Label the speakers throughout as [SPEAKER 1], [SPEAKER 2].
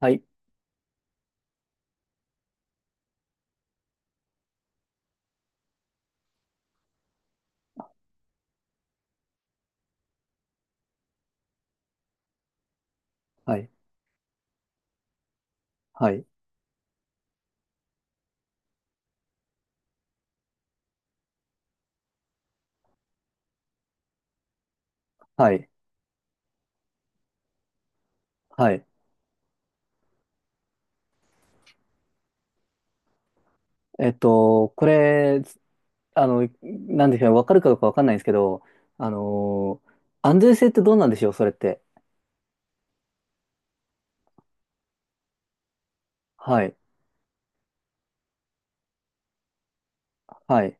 [SPEAKER 1] はい、はい、はい、はい、はい。これ、なんでしょうね、わかるかどうかわかんないんですけど、あのー安全性ってどうなんでしょう、それって？はい、はい、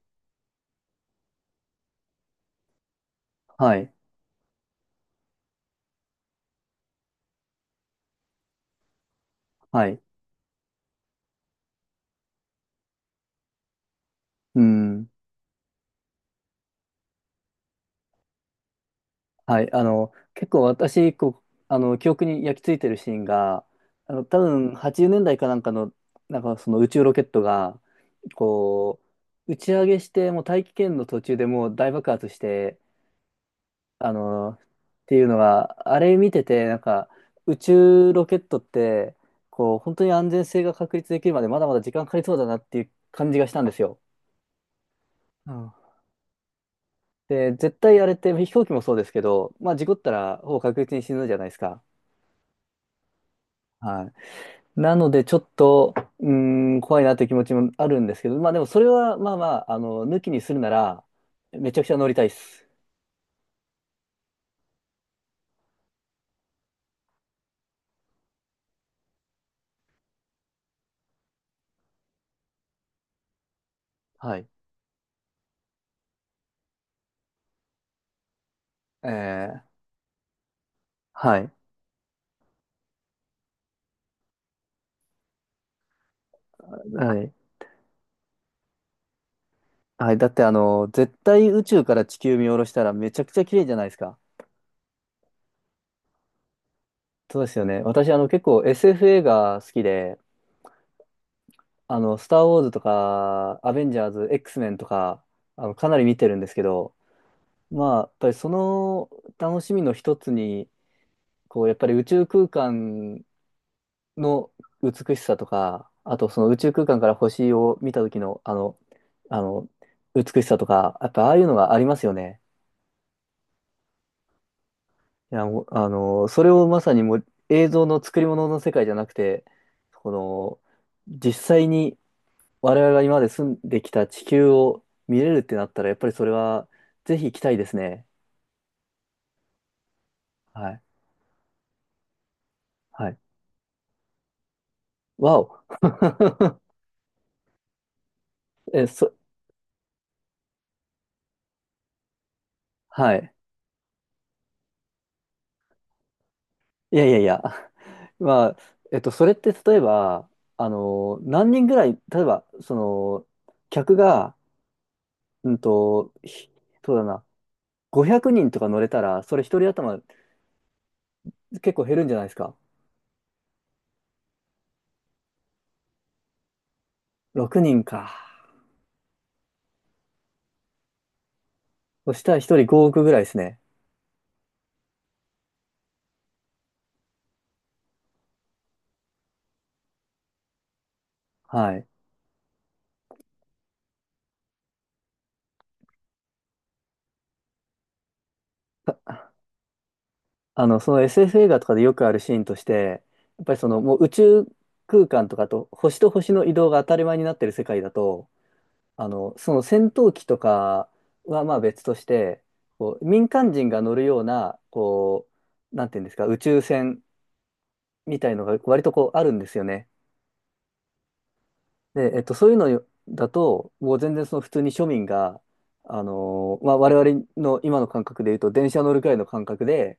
[SPEAKER 1] はい、はい、うん、はい、結構私、こう、記憶に焼き付いてるシーンが、多分80年代かなんかの、なんかその宇宙ロケットが、こう、打ち上げして、もう大気圏の途中でもう大爆発して、っていうのが、あれ見てて、なんか、宇宙ロケットって、こう、本当に安全性が確立できるまでまだまだ時間かかりそうだなっていう感じがしたんですよ。うん。で、絶対あれって飛行機もそうですけど、まあ事故ったらほぼ確実に死ぬじゃないですか。はい。なのでちょっと、怖いなという気持ちもあるんですけど、まあでもそれはまあまあ、抜きにするなら、めちゃくちゃ乗りたいです。はい。えー、はい。はい。はい。だって絶対宇宙から地球見下ろしたらめちゃくちゃ綺麗じゃないですか。そうですよね。私結構 SF 映画好きで、スターウォーズとか、アベンジャーズ、X メンとか、かなり見てるんですけど、まあ、やっぱりその楽しみの一つに、こう、やっぱり宇宙空間の美しさとか、あとその宇宙空間から星を見た時の、あの、美しさとか、やっぱああいうのがありますよね。いや、もう、それをまさにもう映像の作り物の世界じゃなくて、この、実際に我々が今まで住んできた地球を見れるってなったら、やっぱりそれはぜひ行きたいですね。はい。はい。わお。え、そ、はい。いやいやいや。まあ、それって例えば、何人ぐらい、例えば、客が、うんと、ひそうだな、500人とか乗れたら、それ一人頭結構減るんじゃないですか。6人か。そしたら1人5億ぐらいですね。はい。たあの、その SF 映画とかでよくあるシーンとして、やっぱりそのもう宇宙空間とかと星と星の移動が当たり前になってる世界だと、その戦闘機とかはまあ別として、こう民間人が乗るような、こう、なんていうんですか、宇宙船みたいのが割とこうあるんですよね。で、そういうのだと、もう全然その普通に庶民が、まあ、我々の今の感覚で言うと、電車乗るくらいの感覚で、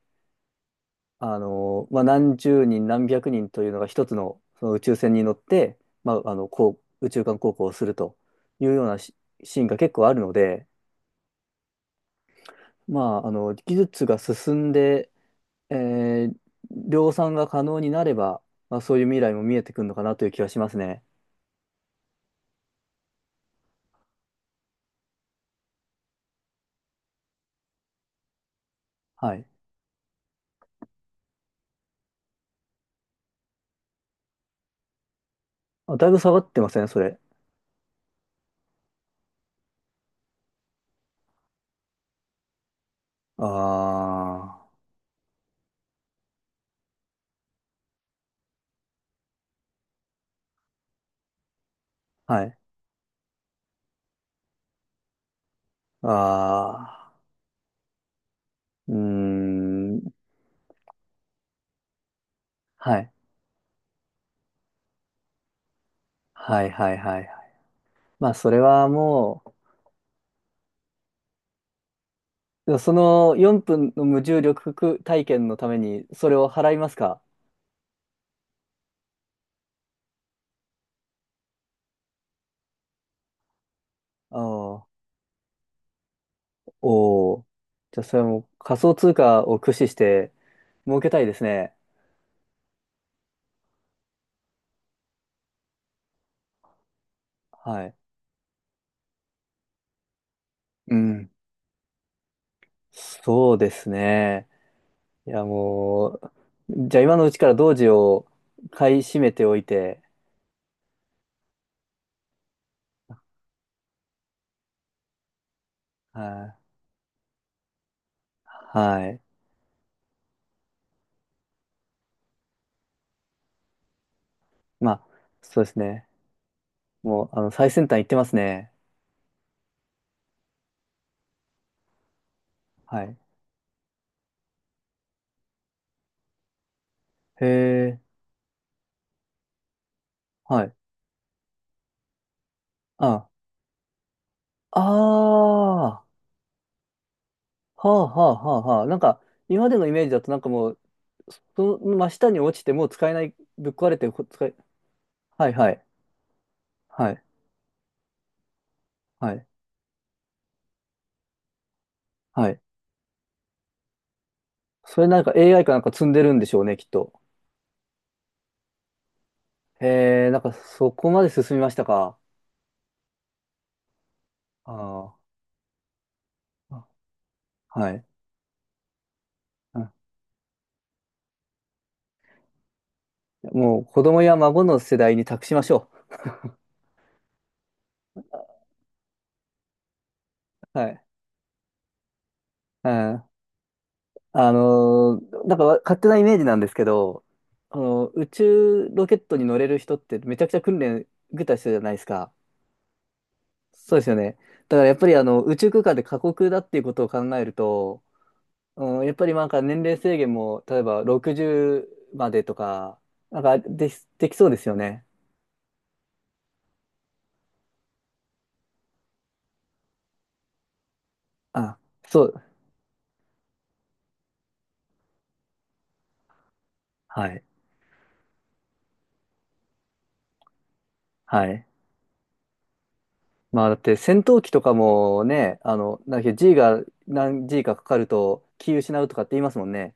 [SPEAKER 1] まあ、何十人、何百人というのが一つの、その宇宙船に乗って、まあ、こう、宇宙間航行をするというようなシーンが結構あるので、まあ、技術が進んで、えー量産が可能になれば、まあ、そういう未来も見えてくるのかなという気がしますね。はい。あ、だいぶ下がってません、それ？ああ。はい。ああ、うーん。はい。はいはいはいはい。まあ、それはもう、その4分の無重力体験のために、それを払いますか？ああ、おお、じゃあ、それはもう仮想通貨を駆使して、儲けたいですね。はい。うん。そうですね。いや、もう、じゃあ今のうちから同時を買い占めておいて、はい。はい。まあ、そうですね。もう、最先端行ってますね。はい。へえ、はい。あ、ああ、はあはあはあはあ。なんか、今までのイメージだとなんかもう、その真下に落ちてもう使えない、ぶっ壊れてこ使え、はいはい、はい、はい、はい。それなんか AI かなんか積んでるんでしょうね、きっと。へえ、なんかそこまで進みましたか？ああ、はい。うん。もう子供や孫の世代に託しましょう。はい。うん。なんか勝手なイメージなんですけど、宇宙ロケットに乗れる人ってめちゃくちゃ訓練受けた人じゃないですか。そうですよね。だからやっぱり宇宙空間で過酷だっていうことを考えると、うん、やっぱりなんか年齢制限も、例えば60までとか、なんかできそうですよね。あ、そう、はい、はい。まあだって戦闘機とかもね、なんだっけ G が何 G かかかると気失うとかって言いますもんね。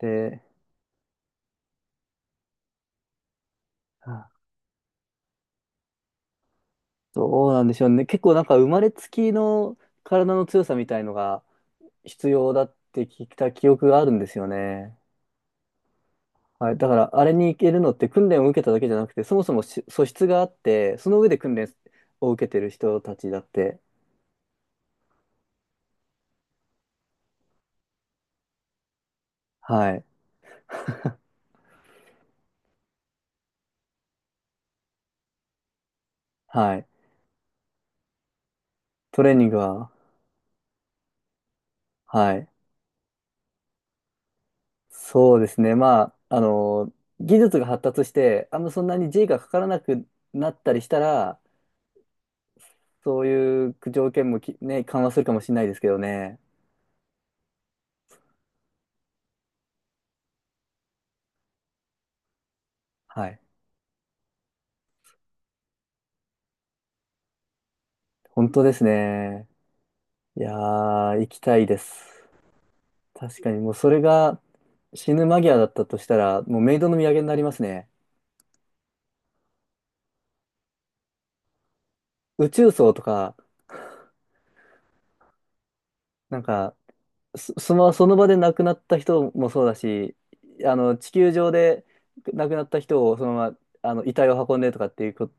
[SPEAKER 1] で、どうなんでしょうね。結構なんか生まれつきの体の強さみたいのが必要だって聞いた記憶があるんですよね。はい。だからあれに行けるのって訓練を受けただけじゃなくて、そもそも素質があって、その上で訓練を受けてる人たちだって。はい。はい。トレーニングは、はい。そうですね。まあ、技術が発達して、あんまそんなに G がかからなくなったりしたら、そういう条件もね、緩和するかもしれないですけどね。はい。本当ですね。いやー、行きたいです。確かにもうそれが死ぬ間際だったとしたら、もうメイドの土産になりますね。宇宙葬とか、なんか、その場で亡くなった人もそうだし、地球上で亡くなった人をそのまま、遺体を運んでとかっていうこ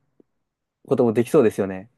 [SPEAKER 1] こともできそうですよね。